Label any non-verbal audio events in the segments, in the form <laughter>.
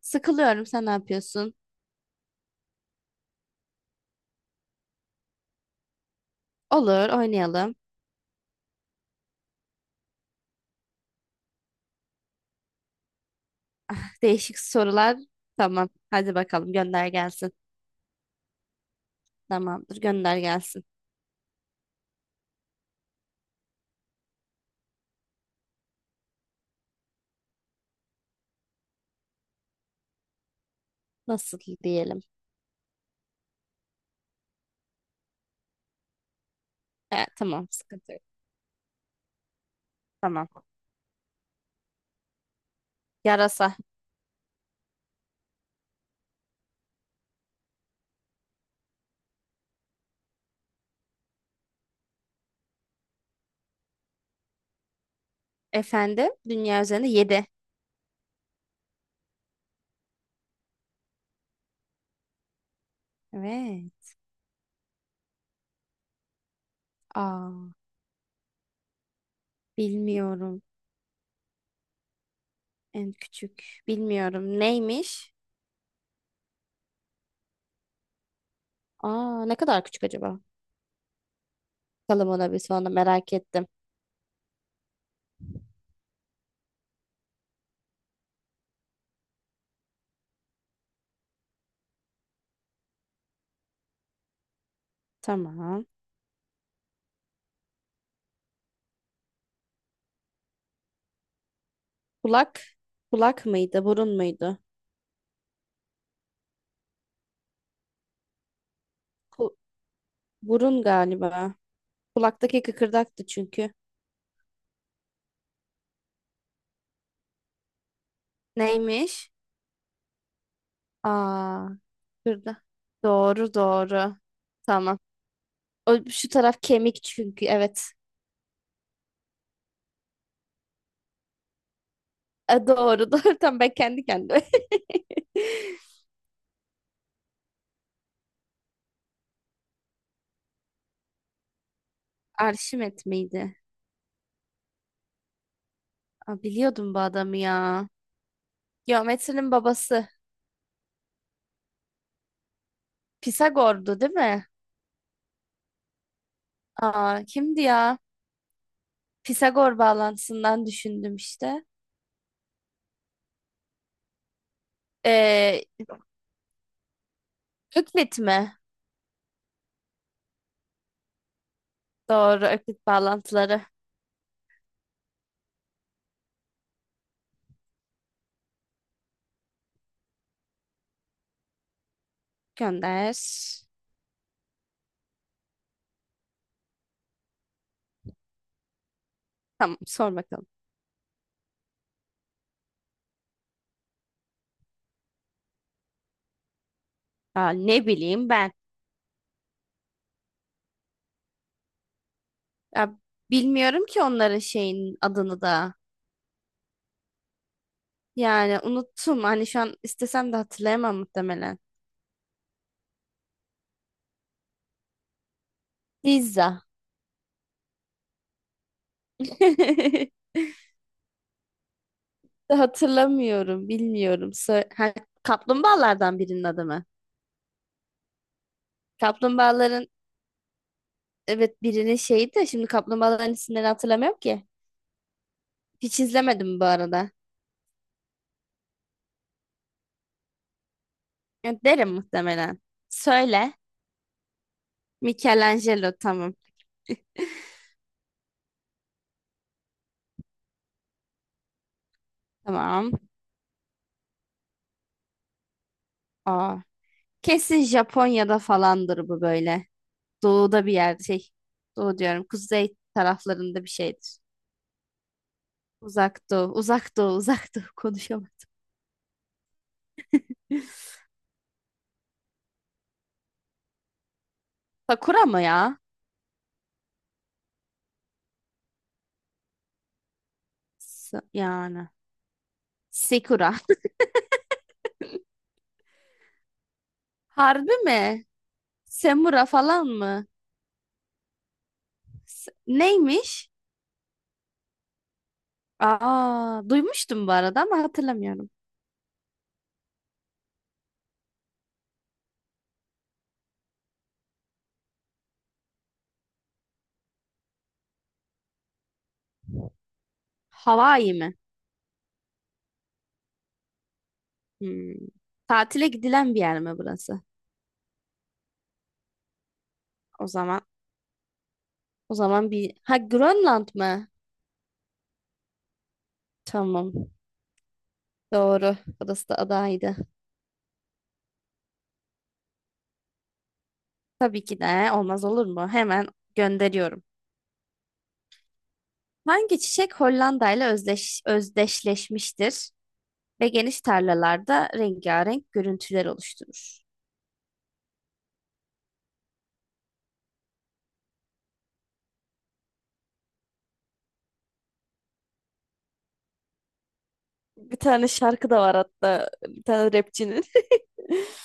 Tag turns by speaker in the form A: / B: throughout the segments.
A: Sıkılıyorum. Sen ne yapıyorsun? Olur, oynayalım. Değişik sorular. Tamam. Hadi bakalım gönder gelsin. Tamamdır, gönder gelsin. Nasıl diyelim? Tamam, sıkıntı yok. Tamam. Yarasa. Efendim, dünya üzerinde yedi. Evet. Aa, bilmiyorum. En küçük. Bilmiyorum. Neymiş? Aa, ne kadar küçük acaba? Bakalım ona bir sonra merak ettim. Tamam. Kulak. Kulak mıydı? Burun muydu? Ku- Burun galiba. Kulaktaki kıkırdaktı çünkü. Neymiş? Aa, kıkırdak. Doğru doğru. Tamam. O, şu taraf kemik çünkü evet. Doğru <laughs> doğru. Tamam, ben kendi kendime. <laughs> Arşimet miydi? Aa, biliyordum bu adamı ya. Geometrinin babası. Pisagor'du değil mi? Aa, kimdi ya? Pisagor bağlantısından düşündüm işte. Ee, Öklit mi? Doğru, Öklit bağlantıları. Gönder. Tamam, sor bakalım. Ya ne bileyim ben. Ya bilmiyorum ki onların şeyin adını da. Yani unuttum. Hani şu an istesem de hatırlayamam muhtemelen. Pizza. <laughs> Hatırlamıyorum, bilmiyorum. Ha, kaplumbağalardan birinin adı mı? Kaplumbağaların, evet, birinin şeyi de, şimdi kaplumbağaların isimlerini hatırlamıyorum ki. Hiç izlemedim bu arada. Ya derim muhtemelen. Söyle. Michelangelo, tamam. Tamam. Aa, kesin Japonya'da falandır bu böyle. Doğuda bir yerde şey. Doğu diyorum. Kuzey taraflarında bir şeydir. Uzak doğu. Uzak doğu. Uzak doğu. <laughs> Konuşamadım. Sakura mı ya? Yani, sekura. <laughs> Harbi mi? Semura falan mı? Neymiş? Aa, duymuştum bu arada ama hatırlamıyorum. Hawaii mi? Hmm. Tatile gidilen bir yer mi burası? O zaman o zaman bir, ha, Grönland mı? Tamam. Doğru. Burası da adaydı. Tabii ki, de olmaz olur mu? Hemen gönderiyorum. Hangi çiçek Hollanda ile özdeşleşmiştir ve geniş tarlalarda rengarenk görüntüler oluşturur? Bir tane şarkı da var hatta, bir tane rapçinin. <laughs>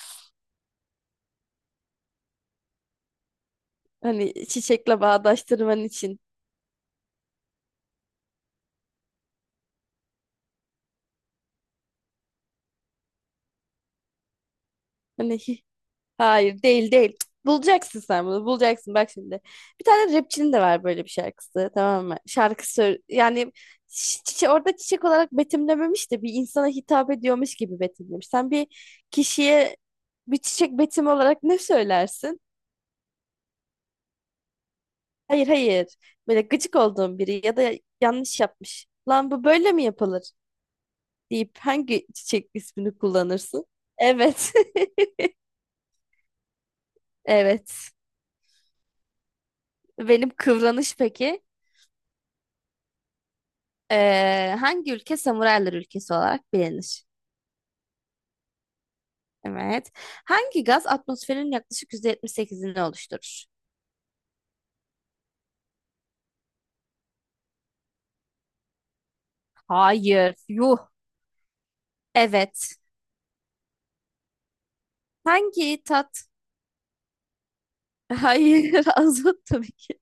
A: Hani çiçekle bağdaştırman için. Hani Hayır, değil değil. Cık. Bulacaksın, sen bunu bulacaksın, bak şimdi. Bir tane rapçinin de var böyle bir şarkısı, tamam mı? Şarkı yani orada çiçek olarak betimlememiş de bir insana hitap ediyormuş gibi betimlemiş. Sen bir kişiye bir çiçek betimi olarak ne söylersin? Hayır, hayır, böyle gıcık olduğun biri ya da yanlış yapmış. Lan, bu böyle mi yapılır deyip hangi çiçek ismini kullanırsın? Evet. <laughs> Evet. Benim kıvranış peki? Hangi ülke samuraylar ülkesi olarak bilinir? Evet. Hangi gaz atmosferin yaklaşık %78'ini oluşturur? Hayır. Yuh. Evet. Hangi tat? <laughs> Hayır, azot tabii ki.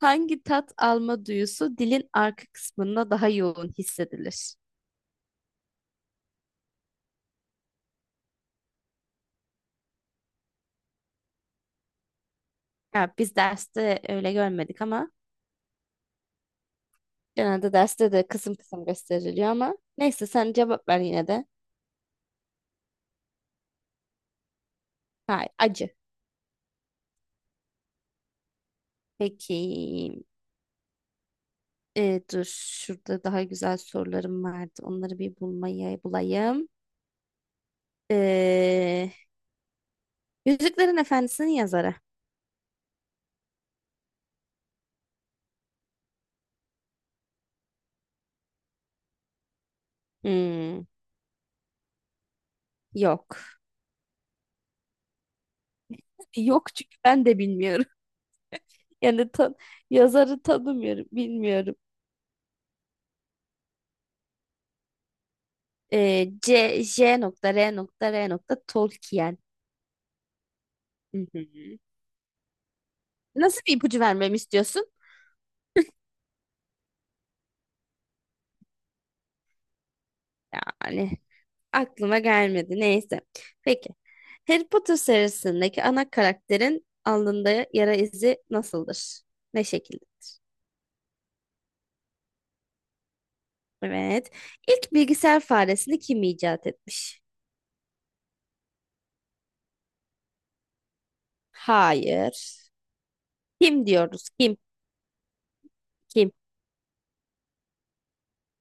A: Hangi tat alma duyusu dilin arka kısmında daha yoğun hissedilir? Ya biz derste öyle görmedik ama genelde derste de kısım kısım gösteriliyor, ama neyse, sen cevap ver yine de. Hayır, acı. Peki. Dur, şurada daha güzel sorularım vardı. Onları bir bulayım. Ee, Yüzüklerin Efendisi'nin yazarı. Hmm, Yok. <laughs> Yok, çünkü ben de bilmiyorum. <laughs> Yani yazarı tanımıyorum. Bilmiyorum. C, J.R.R. Tolkien. Hı hı. Nasıl bir ipucu vermemi istiyorsun? Yani aklıma gelmedi. Neyse. Peki. Harry Potter serisindeki ana karakterin alnında yara izi nasıldır? Ne şekilde? Evet. İlk bilgisayar faresini kim icat etmiş? Hayır. Kim diyoruz? Kim? Kim?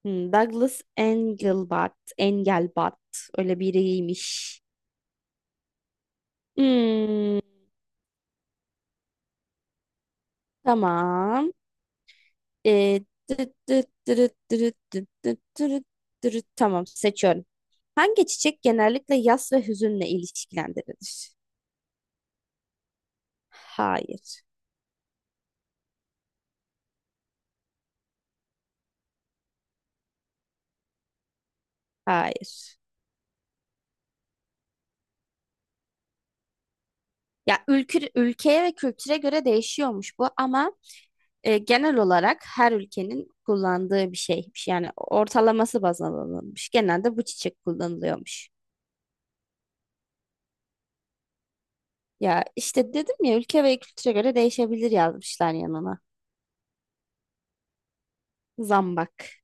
A: Douglas Engelbart. Engelbart. Öyle biriymiş. Hmm, tamam. Ee, Dırıt dırıt dırıt dırıt dırıt dırıt dırıt dırıt. Tamam, seçiyorum. Hangi çiçek genellikle yas ve hüzünle ilişkilendirilir? Hayır. Hayır. Ya ülkeye ve kültüre göre değişiyormuş bu, ama genel olarak her ülkenin kullandığı bir şeymiş. Yani ortalaması baz alınmış. Genelde bu çiçek kullanılıyormuş. Ya işte dedim ya, ülke ve kültüre göre değişebilir yazmışlar yanına. Zambak.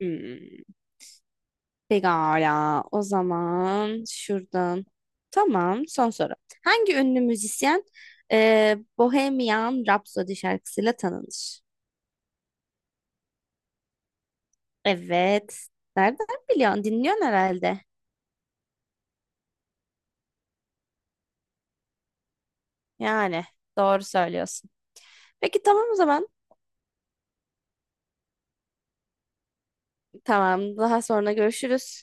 A: Hmm. Pekala. O zaman şuradan. Tamam, son soru. Hangi ünlü müzisyen, Bohemian Rhapsody şarkısıyla tanınır? Evet. Nereden biliyorsun? Dinliyorsun herhalde. Yani doğru söylüyorsun. Peki, tamam o zaman. Tamam, daha sonra görüşürüz.